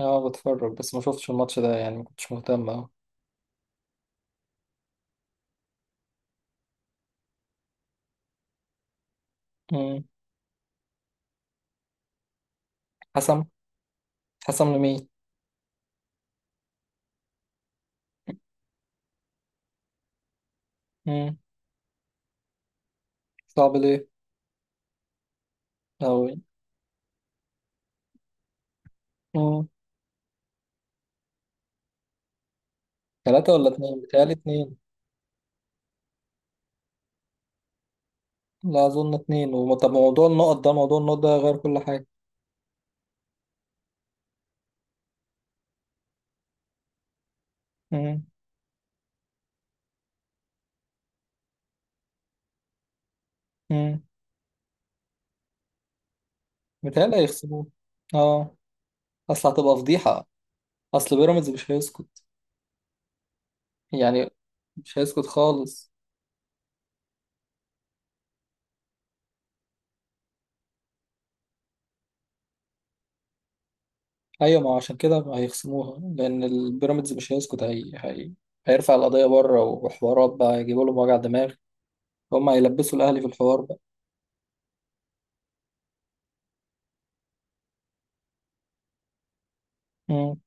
اه، بتفرج بس ما شفتش الماتش ده، يعني ما كنتش مهتم أوي. مم. حسم. حسم لمين؟ مم. صعب ليه؟ أوي. مم. تلاتة ولا اتنين؟ بيتهيألي اتنين. لا أظن اتنين طب موضوع النقط ده غير كل حاجة. مم. مم. بيتهيألي هيخسروه. اه. أصل هتبقى فضيحة. أصل بيراميدز مش هيسكت، يعني. مش هيسكت خالص. أيوة، ما هو عشان كده هيخصموها لأن البيراميدز مش هيسكت. هيرفع القضية بره وحوارات بقى يجيبوا لهم وجع دماغ. هم هيلبسوا الأهلي في الحوار. مم.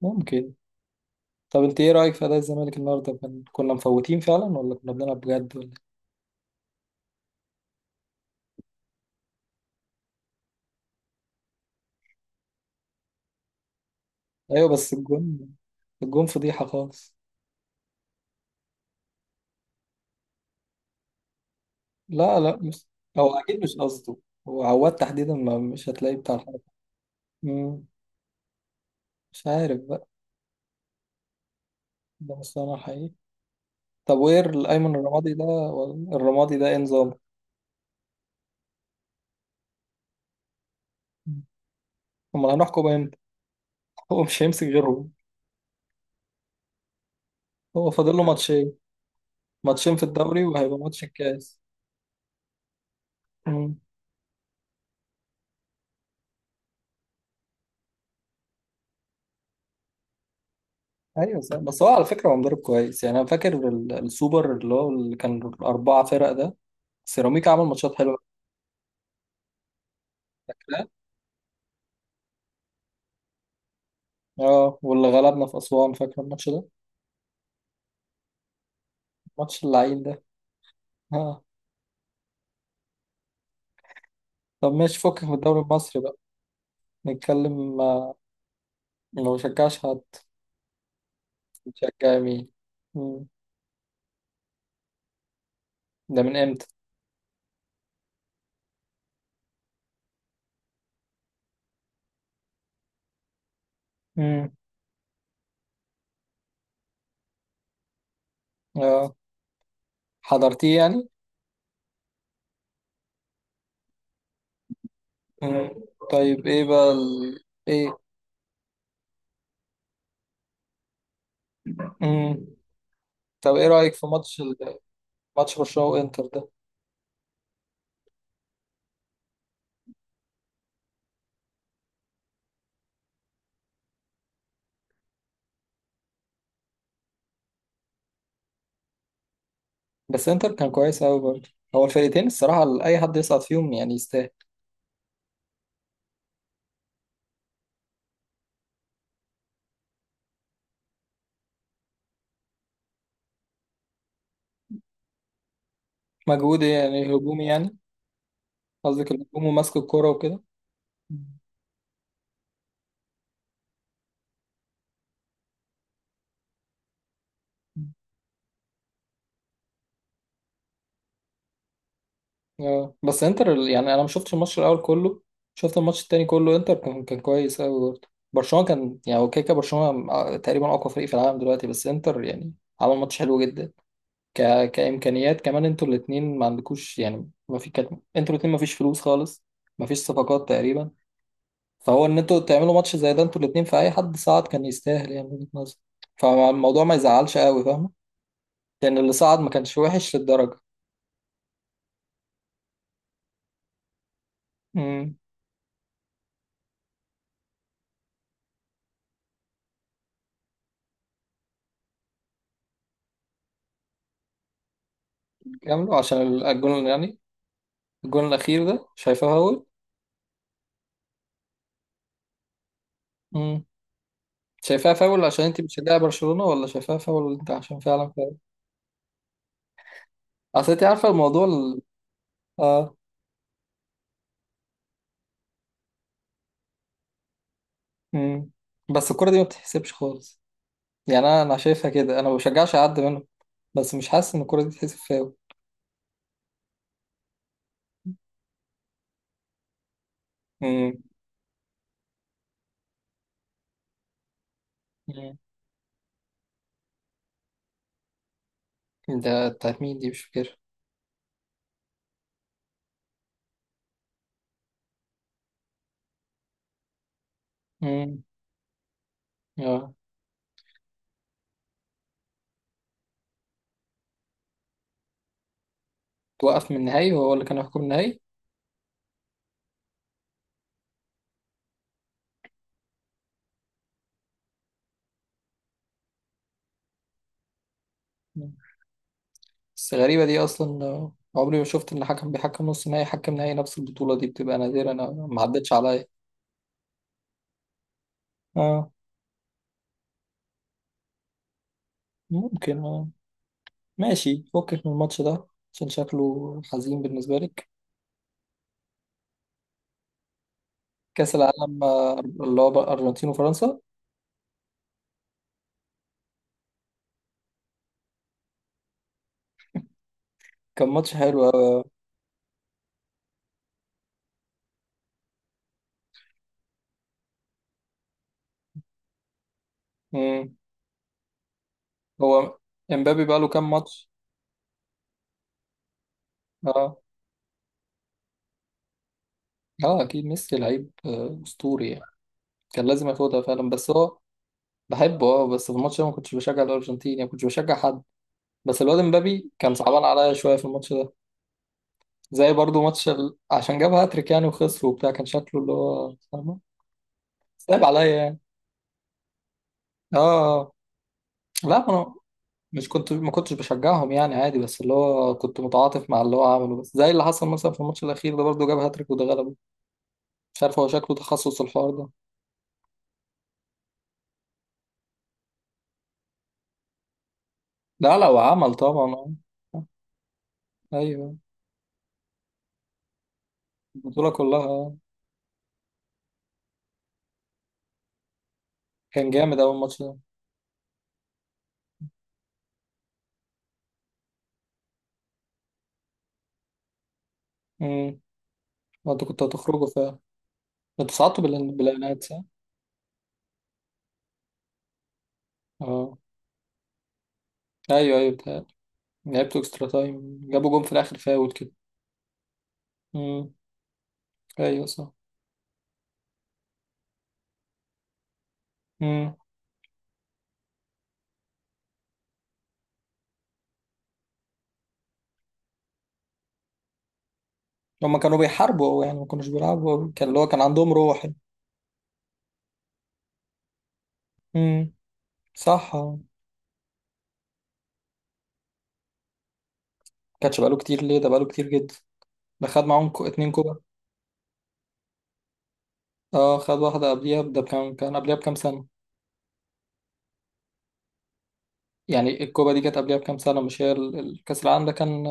ممكن. طب انت ايه رأيك في أداء الزمالك النهارده؟ كنا مفوتين فعلا ولا كنا بنلعب بجد ولا إيه؟ ايوه بس الجون، الجون فضيحة خالص. لا لا، مش هو اكيد مش قصده. هو عواد تحديدا ما مش هتلاقيه بتاع الحرب. مم. مش عارف بقى. ده مش انا حقيقي. طب وايه ايمن الرمادي ده؟ الرمادي ده ايه نظام؟ امال هنحكم امتى؟ هو مش هيمسك غيرهم. هو فاضل له ماتشين في الدوري، وهيبقى ماتش الكاس. مم. ايوه صح. بس هو على فكره هو مدرب كويس، يعني انا فاكر السوبر اللي هو اللي كان اربعه فرق ده. سيراميكا عمل ماتشات حلوه. فاكرها. اه، واللي غلبنا في اسوان، فاكر الماتش ده. الماتش اللعين ده. اه. طب ماشي، فكك من الدوري المصري بقى. نتكلم. ما بشجعش حد. بشجع مين؟ مم. ده من امتى؟ مم. اه، حضرتيه يعني. مم. طيب ايه بقى ايه. مم. طب ايه رايك في ماتش ماتش برشلونه وانتر ده؟ بس انتر كان كويس قوي برضه. هو الفرقتين الصراحة أي حد يصعد فيهم يعني يستاهل. مجهود يعني هجومي يعني؟ قصدك الهجوم وماسك الكرة وكده. اه، بس انتر يعني انا ما شفتش الماتش الاول كله. شفت الماتش التاني كله. انتر كان كويس قوي برضه. برشلونة كان يعني هو كده كده برشلونة تقريبا اقوى فريق في العالم دلوقتي. بس انتر يعني عمل ماتش حلو جدا. كامكانيات كمان انتوا الاثنين ما عندكوش، يعني ما في كانت. انتوا الاثنين ما فيش فلوس خالص، ما فيش صفقات تقريبا. فهو ان انتوا تعملوا ماتش زي ده، انتوا الاتنين، في اي حد صعد كان يستاهل يعني من وجهة نظري. فالموضوع ما يزعلش قوي، فاهم، لان اللي صعد ما كانش وحش للدرجة. امم. كملوا عشان الجون يعني، الجون الاخير ده شايفاه فاول؟ امم. شايفاها فاول عشان انت بتشجعي برشلونة، ولا شايفاها فاول انت عشان فعلا فاول؟ اصل انت عارفة الموضوع اه. امم. بس الكرة دي ما بتتحسبش خالص، يعني انا شايفها كده، انا ما بشجعش حد منهم. بس مش حاسس ان الكرة دي تتحسب فاول. امم. أمم. ده بتاعت مين دي؟ مش فاكر. اه. توقف من النهائي، وهو اللي كان يحكم النهائي. بس غريبة دي أصلا، عمري ما شفت إن حكم بيحكم نص نهائي حكم نهائي نفس البطولة. دي بتبقى نادرة، أنا ما عدتش عليا. اه. ممكن، اه. ماشي، فكك من الماتش ده عشان شكله حزين بالنسبة لك. كأس العالم اللي هو بقى أرجنتين وفرنسا. كان ماتش حلو أوي مم. هو امبابي بقى له كام ماتش؟ اه. اه، أكيد ميسي لعيب أسطوري يعني. كان لازم ياخدها فعلا، بس هو. بحبه اه، بس في الماتش ده ما كنتش بشجع الارجنتين، يعني ما كنتش بشجع حد. بس الواد امبابي كان صعبان عليا شويه في الماتش ده. زي برضو ماتش عشان جاب هاتريك يعني وخسر وبتاع، كان شكله اللي هو فاهمه. صعب عليا يعني. اه. آه. لا، ما كنتش بشجعهم يعني عادي، بس اللي هو كنت متعاطف مع اللي هو عمله. بس زي اللي حصل مثلا في الماتش الاخير ده برضو جاب هاتريك وده غلبه. مش عارف، هو شكله تخصص الحوار ده. لا لا، وعمل طبعا ايوه. البطوله كلها كان جامد اول ماتش ده. امم. انتوا كنتوا هتخرجوا. انت صعدتوا بالاعلانات صح؟ اه. ايوه ايوه بتاع. لعبتوا اكسترا تايم، جابوا جون في الاخر فاول كده. امم. ايوه صح. امم. هما كانوا بيحاربوا أوي يعني، ما كانوش بيلعبوا أوي. كان اللي هو كان عندهم روح يعني. امم. صح كانش بقاله كتير ليه؟ ده بقاله كتير جدا. ده خد معاهم اتنين كوبا. اه، خد واحدة قبليها. ده كان قبليها بكام سنة. يعني الكوبا دي كانت قبليها بكام سنة، مش هي الكأس العالم ده كان.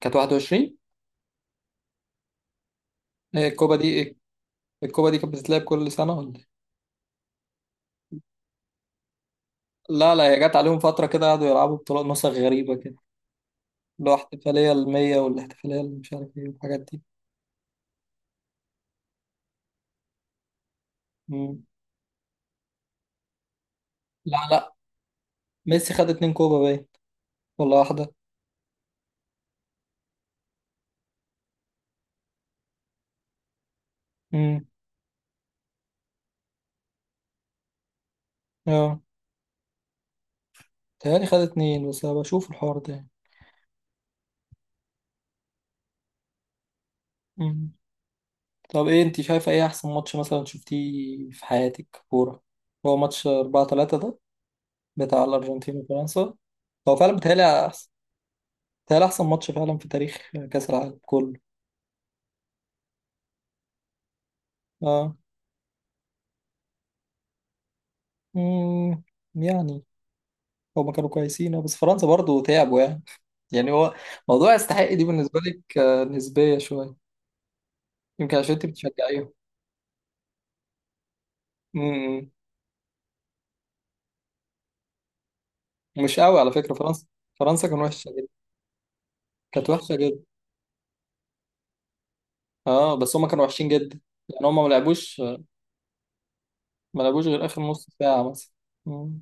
كانت 21. هي الكوبا دي، الكوبا دي كانت بتتلعب كل سنة ولا إيه؟ لا لا، هي جت عليهم فترة كده قعدوا يلعبوا بطولات نسخ غريبة كده. اللي هو احتفالية المية، والاحتفالية اللي مش عارف ايه والحاجات دي. مم. لا لا، ميسي خد اتنين كوبا باين، ولا واحدة. مم. اه. تهيألي خد اتنين، بس أنا بشوف الحوار ده يعني. مم. طب ايه، انت شايفة ايه أحسن ماتش مثلا شفتيه في حياتك كورة؟ هو ماتش 4-3 ده بتاع الأرجنتين وفرنسا. هو فعلا بيتهيألي أحسن. بيتهيألي أحسن ماتش فعلا في تاريخ كأس العالم كله. اه. مم. يعني هما كانوا كويسين بس فرنسا برضو تعبوا يعني. يعني هو، موضوع يستحق دي بالنسبة لك نسبية شوية. يمكن عشان انت بتشجعيهم. امم. مش قوي على فكرة فرنسا. فرنسا كانت وحشة جدا. كانت وحشة جدا. اه، بس هما كانوا وحشين جدا. يعني هما ما لعبوش غير آخر نص ساعة مثلا. مم.